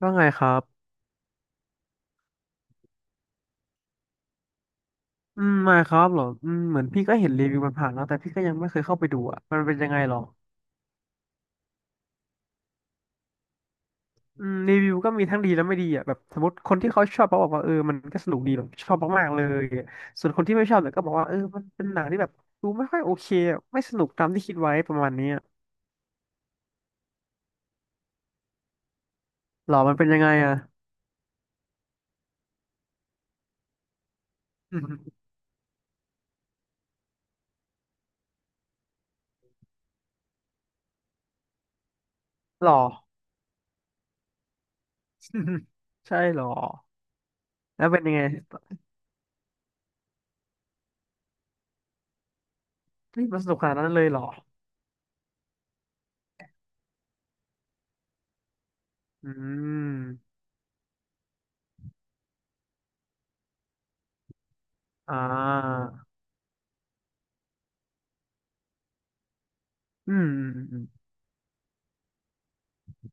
ว่าไงครับอืมไม่ครับเหรออืมเหมือนพี่ก็เห็นรีวิวมันผ่านแล้วแต่พี่ก็ยังไม่เคยเข้าไปดูอ่ะมันเป็นยังไงหรออืมรีวิวก็มีทั้งดีและไม่ดีอ่ะแบบสมมติคนที่เขาชอบเขาบอกว่าเออมันก็สนุกดีแบบชอบมากๆเลยส่วนคนที่ไม่ชอบเนี่ยก็บอกว่าเออมันเป็นหนังที่แบบดูไม่ค่อยโอเคอะไม่สนุกตามที่คิดไว้ประมาณเนี้อหรอมันเป็นยังไงอ่ะ หรอ ใช่หรอแล้วเป็นยังไงที่มันสนุกขนาดนั้นเลยหรออืมอ่าอืม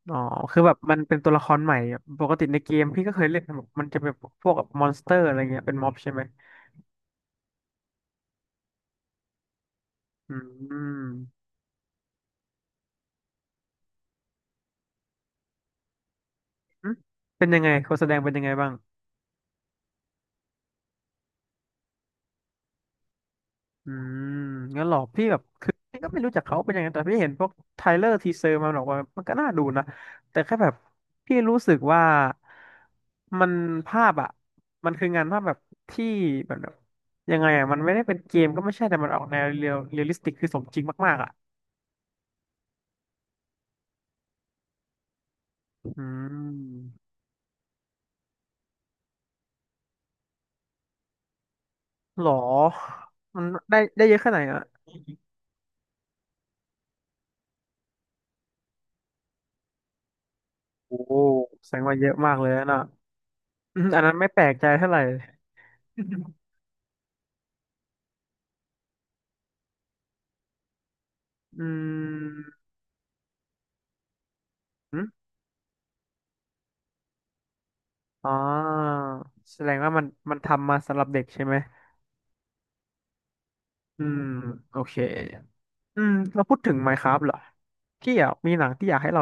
อ๋อคือแบบมันเป็นตัวละครใหม่อะปกติในเกมพี่ก็เคยเล่นนะแบบมันจะเป็นพวกแบบมอนสเตอร์อะไรเงี้ยเป็นม็อบใช่ไหมอืมอืมเป็นยังไงคนแสดงเป็นยังไงบ้างอืมงั้นหรอพี่แบบคือพี่ก็ไม่รู้จักเขาเป็นยังไงแต่พี่เห็นพวกไทเลอร์ทีเซอร์มาบอกว่ามันก็น่าดูนะแต่แค่แบบพี่รู้สึกว่ามันภาพอ่ะมันคืองานภาพแบบที่แบบยังไงอ่ะมันไม่ได้เป็นเกมก็ไม่ใช่แต่มันออกแนวเรียลลิสติกคือสมจริงมากๆอ่ะอืม หรอ มันได้เยอะแค่ไหนอ่ะ โอ้ แสดงว่าเยอะมากเลยนะอืมอันนั้นไม่แปลกใจเท่าไหร่ อืมอืมอ๋อแสดงว่ามันทำมาสำหรับเด็กใช่ไหม อืม โอเค อืม เราพูดถึง Minecraft เหรอพี่อ่ะมีหนังที่อยากให้เรา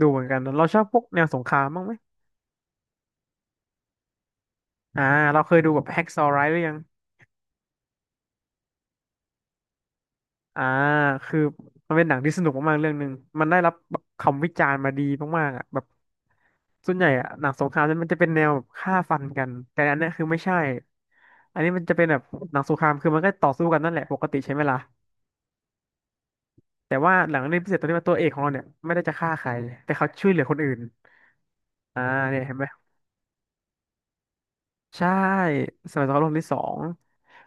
ดูเหมือนกันนะเราชอบพวกแนวสงครามบ้างไหม อ่า เราเคยดูแบบ Hacksaw Ridge หรือยัง อ่าคือมันเป็นหนังที่สนุกมากๆเรื่องหนึ่งมันได้รับแบบคำวิจารณ์มาดีมากๆอ่ะแบบส่วนใหญ่อะหนังสงครามมันจะเป็นแนวแบบฆ่าฟันกันแต่อันเนี้ยคือไม่ใช่อันนี้มันจะเป็นแบบหนังสงครามคือมันก็ต่อสู้กันนั่นแหละปกติใช่ไหมล่ะแต่ว่าหนังเรื่องพิเศษตรงที่ว่าตัวเอกของเราเนี่ยไม่ได้จะฆ่าใครแต่เขาช่วยเหลือคนอื่น อ่าเนี่ยเห็นไหม ใช่สมัยสงครามโลกครั้งที่สอง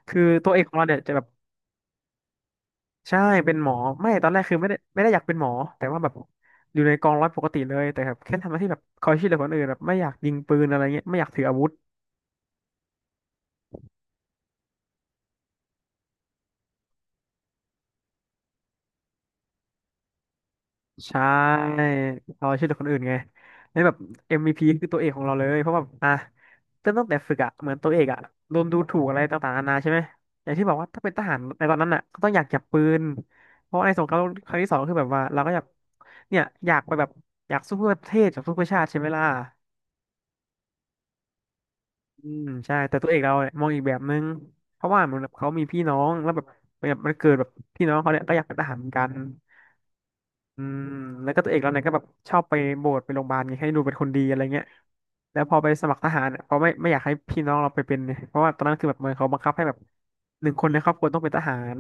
คือตัวเอกของเราเนี่ยจะแบบ ใช่เป็นหมอไม่ตอนแรกคือไม่ได้อยากเป็นหมอแต่ว่าแบบอยู่ในกองร้อยปกติเลยแต่แบบแค่ทำหน้าที่แบบคอยช่วยเหลือคนอื่นแบบไม่อยากยิงปืนอะไรเงี้ยไม่อยากถืออาวุธใช่คอยช่วยเหลือคนอื่นไงแล้วแบบ MVP คือตัวเอกของเราเลยเพราะว่าอ่ะเริ่มตั้งแต่ฝึกอะเหมือนตัวเอกอะโดนดูถูกอะไรต่างๆนานาใช่ไหมอย่างที่บอกว่าถ้าเป็นทหารในตอนนั้นอะก็ต้องอยากจับปืนเพราะในสงครามโลกครั้งที่สองก็คือแบบว่าเราก็อยากเนี่ยอยากไปแบบอยากสู้เพื่อประเทศอยากสู้เพื่อชาติใช่ไหมล่ะ อืมใช่แต่ตัวเอกเราเนี่ยมองอีกแบบนึงเพราะว่าเหมือนแบบเขามีพี่น้องแล้วแบบแบบมันเกิดแบบพี่น้องเขาเนี่ยก็อยากเป็นทหารเหมือนกันอืมแล้วก็ตัวเอกเราเนี่ยก็แบบชอบไปโบสถ์ไปโรงพยาบาลไงให้ดูเป็นคนดีอะไรเงี้ยแล้วพอไปสมัครทหารเนี่ยเขาไม่อยากให้พี่น้องเราไปเป็นเนี่ยเพราะว่าตอนนั้นคือแบบเหมือนเขาบังคับให้แบบ1 คนในครอบครัวต้องเป็นทหาร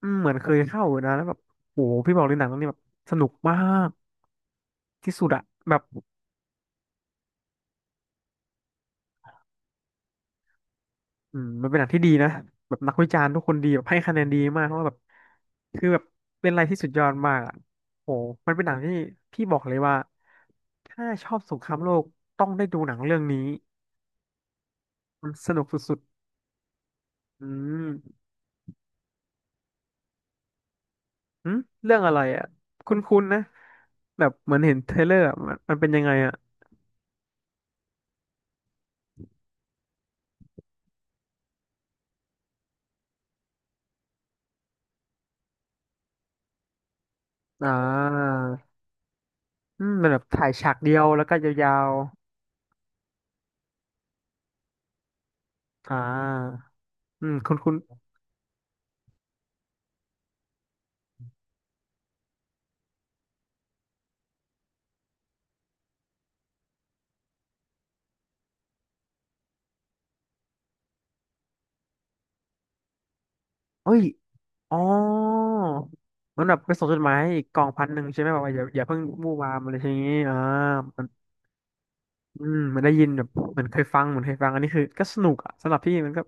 อืมเหมือนเคยเข้าอยู่นะแล้วแบบโอ้โหพี่บอกเลยหนังเรื่องนี้แบบสนุกมากที่สุดอะแบบ อืมมันเป็นหนังที่ดีนะแบบนักวิจารณ์ทุกคนดีแบบให้คะแนนดีมากเพราะว่าแบบคือแบบเป็นอะไรที่สุดยอดมากอ่ะโหมันเป็นหนังที่พี่บอกเลยว่าถ้าชอบสงครามโลกต้องได้ดูหนังเรื่องนี้มันสนุกสุดๆอืมอืมเรื่องอะไรอ่ะคุ้นๆนะแบบเหมือนเห็นเทรลเลอร์อะมันเป็นยังไงอ่ะอ่าอืมมันแบบถ่ายฉากเดียวแล้วก็ยาวๆอ่าอืมคุ้นๆเอ้ย อ๋อมันแบบไปส่งจดหมายอีกกองพันหนึ่งใช่ไหมแบบว่าอย่าเพิ่งมู่วามอะไรอย่างนี้มันมันได้ยินแบบเหมือนเคยฟังเหมือนเคยฟังอันนี้คือก็สนุกอ่ะสำหรับพี่มันก็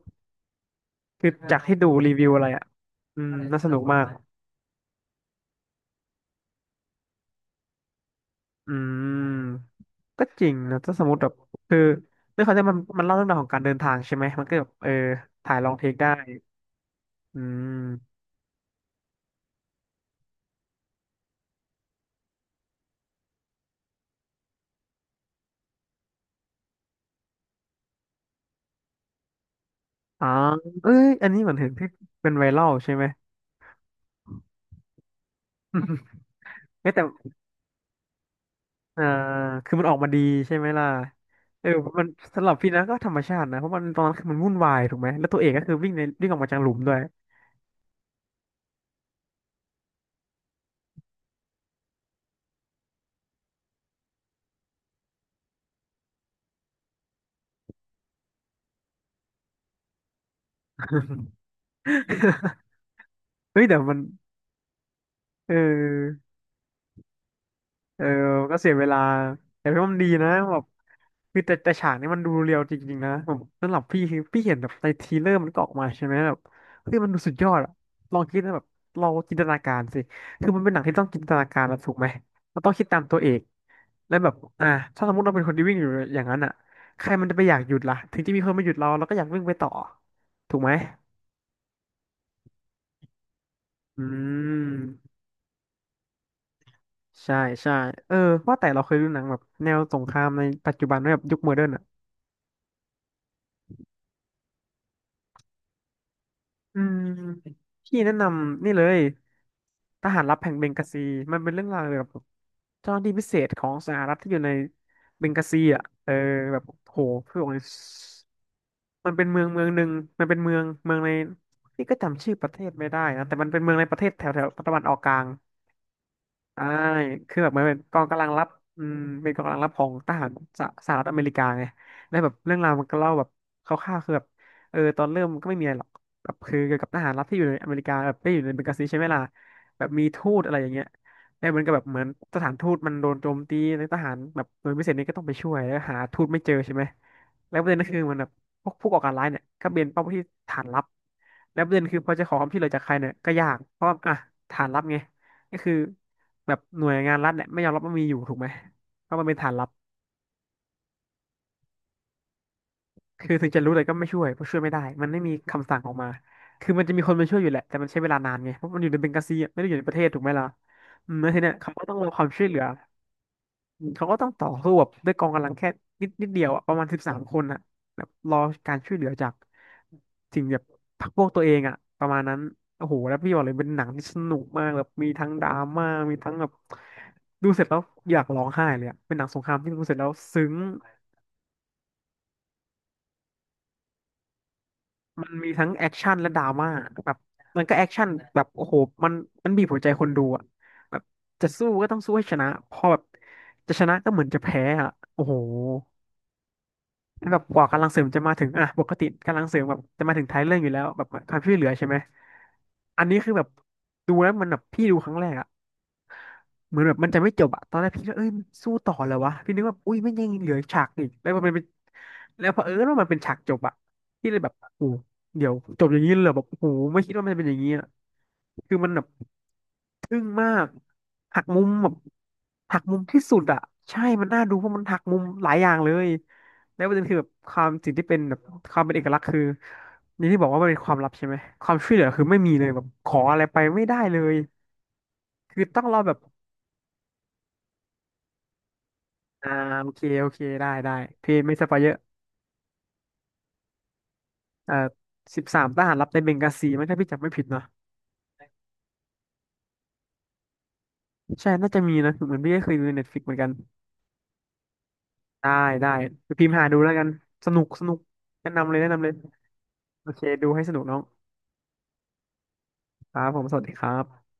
คือจากที่ดูรีวิวอะไรอ่ะอืมน่าสนุกมากอืมก็จริงนะถ้าสมมติแบบคือเรื่องเขาจะมันเล่าเรื่องราวของการเดินทางใช่ไหมมันก็แบบเออถ่ายลองเทคได้อืมอ๋อเอ้ยอันนี้เหมือนเห็นที่เป็นไวรัลใช่ไหม เอ้ยแต่ อ่าคือมันออกมาดีใช่ไหมล่ะเออมันสำหรับพี่นะก็ธรรมชาตินะ เพราะมันตอนนั้นคือมันวุ่นวายถูกไหม แล้วตัวเอกก็คือวิ่งในวิ่งออกมาจากหลุมด้วย เฮ้ยแต่มันเออเออมันก็เสียเวลาแต่พี่ว่ามันดีนะแบบคือแต่ฉากนี้มันดูเรียวจริงๆนะผมสำหรับพี่คือพี่เห็นแบบในทีเลอร์มันก็ออกมาใช่ไหมแบบเฮ้ยมันดูสุดยอดอะลองคิดนะแบบเราจินตนาการสิคือมันเป็นหนังที่ต้องจินตนาการนะถูกไหมเราต้องคิดตามตัวเอก แล้วแบบถ้าสมมติเราเป็นคนที่วิ่งอยู่อย่างนั้นอ่ะใครมันจะไปอยากหยุดล่ะถึงจะมีคนมาหยุดเราเราก็อยากวิ่งไปต่อ ถูกไหม อืม ใช่ใช่เออว่าแต่เราเคยดูหนังแบบแนวสงครามในปัจจุบันไหมแบบยุคโมเดิร์นอ่ะ อืม พี่แนะนำนี่เลย ทหารลับแห่งเบงกาซีมันเป็นเรื่องราวเกี่ยวกับเจ้าหน้าที่พิเศษของสหรัฐที่อยู่ในเบงกาซีอ่ะเออแบบโหพี่บอกเลยมันเป็นเมืองเมืองหนึ่งมันเป็นเมืองเมืองในพี่ก็จำชื่อประเทศไม่ได้นะแต่มันเป็นเมืองในประเทศแถวแถวตะวันออกกลาง ใช่คือแบบมันเป็นกองกำลังรับอืมเป็นกองกำลังรับของทหารสหรัฐอเมริกาไงแล้วแบบเรื่องราวมันก็เล่าแบบคร่าวๆคือแบบเออตอนเริ่มก็ไม่มีอะไรหรอกแบบคือเกี่ยวกับทหารรับที่อยู่ในอเมริกาแบบได้อยู่ในเบงกาซีใช่ไหมล่ะแบบมีทูตอะไรอย่างเงี้ยแล้วมันก็แบบเหมือนสถานทูตมันโดนโจมตีในทหารแบบหน่วยพิเศษนี่ก็ต้องไปช่วยแล้วหาทูตไม่เจอใช่ไหมแล้วประเด็นก็คือมันแบบพวกผู้ก่อการร้ายเนี่ยก็เป็นเป้าที่ฐานลับแล้วประเด็นคือพอจะขอความช่วยเหลือจากใครเนี่ยก็ยากเพราะว่าอ่ะฐานลับไงก็คือ แบบหน่วยงานรัฐเนี่ยไม่ยอมรับว่ามีอยู่ถูกไหมเพราะมันเป็นฐานลับคือถึงจะรู้แต่ก็ไม่ช่วยเพราะช่วยไม่ได้มันไม่มีคำสั่งออกมาคือมันจะมีคนมาช่วยอยู่แหละแต่มันใช้เวลานานไงเพราะมันอยู่ในเบ eng าซีอะไม่ได้อยู่ในประเทศถูกไหมล่ะอืมแล้วทีเนี้ยเขาก็ต้องรอความช่วยเหลือ เขาก็ต้องต่อสู้แบบด้วยกองกำลังแค่นิดนิดเดียวอะประมาณ13 คนอะแบบรอการช่วยเหลือจากสิ่งแบบพรรคพวกตัวเองอะประมาณนั้นโอ้โหแล้วพี่บอกเลยเป็นหนังที่สนุกมากแบบมีทั้งดราม่ามีทั้งแบบดูเสร็จแล้วอยากร้องไห้เลยอะเป็นหนังสงครามที่ดูเสร็จแล้วซึ้งมันมีทั้งแอคชั่นและดราม่าแบบมันก็แอคชั่นแบบโอ้โหมันมันบีบหัวใจคนดูอะแบบจะสู้ก็ต้องสู้ให้ชนะพอแบบจะชนะก็เหมือนจะแพ้อะโอ้โห แบบกว่ากำลังเสริมจะมาถึงอ่ะปกติกำลังเสริมแบบจะมาถึงท้ายเรื่องอยู่แล้วแบบความช่วยเหลือใช่ไหม อันนี้คือแบบดูแล้วมันแบบพี่ดูครั้งแรกอะ เหมือนแบบมันจะไม่จบอะตอนแรกพี่ก็เอ้ยมันสู้ต่อเลยวะพี่นึกว่าอุ้ยไม่ยังเหลือฉากอีกแล้วมันเป็นแล้วเผอิญว่ามันเป็นฉากจบอะพี่เลยแบบโอ้โหเดี๋ยวจบอย่างนี้เลยเหรอแบบโอ้โหไม่คิดว่ามันจะเป็นอย่างนี้อะคือมันแบบทึ่งมากหักมุมแบบหักมุมที่สุดอะใช่มันน่าดูเพราะมันหักมุมหลายอย่างเลยแล้วประเด็นคือแบบความสิ่งที่เป็นแบบความเป็นเอกลักษณ์คืออย่างที่บอกว่ามันเป็นความลับใช่ไหมความช่วยเหลือคือไม่มีเลยแบบขออะไรไปไม่ได้เลยคือต้องรอแบบ อ่าโอเคโอเคได้ได้พี่ไม่สปอยเยอะเอ่อสิบสามทหารลับในเบงกาซีมั้งถ้าพี่จำไม่ผิดเนาะใช่น่าจะมีนะเหมือนพี่ก็เคยดูในเน็ตฟลิกเหมือนกันได้ได้ไปพิมพ์หาดูแล้วกันสนุกสนุกแนะนำเลยแนะนำเลยโอเคดูให้สนุกน้องครับผมสวัสดีครับ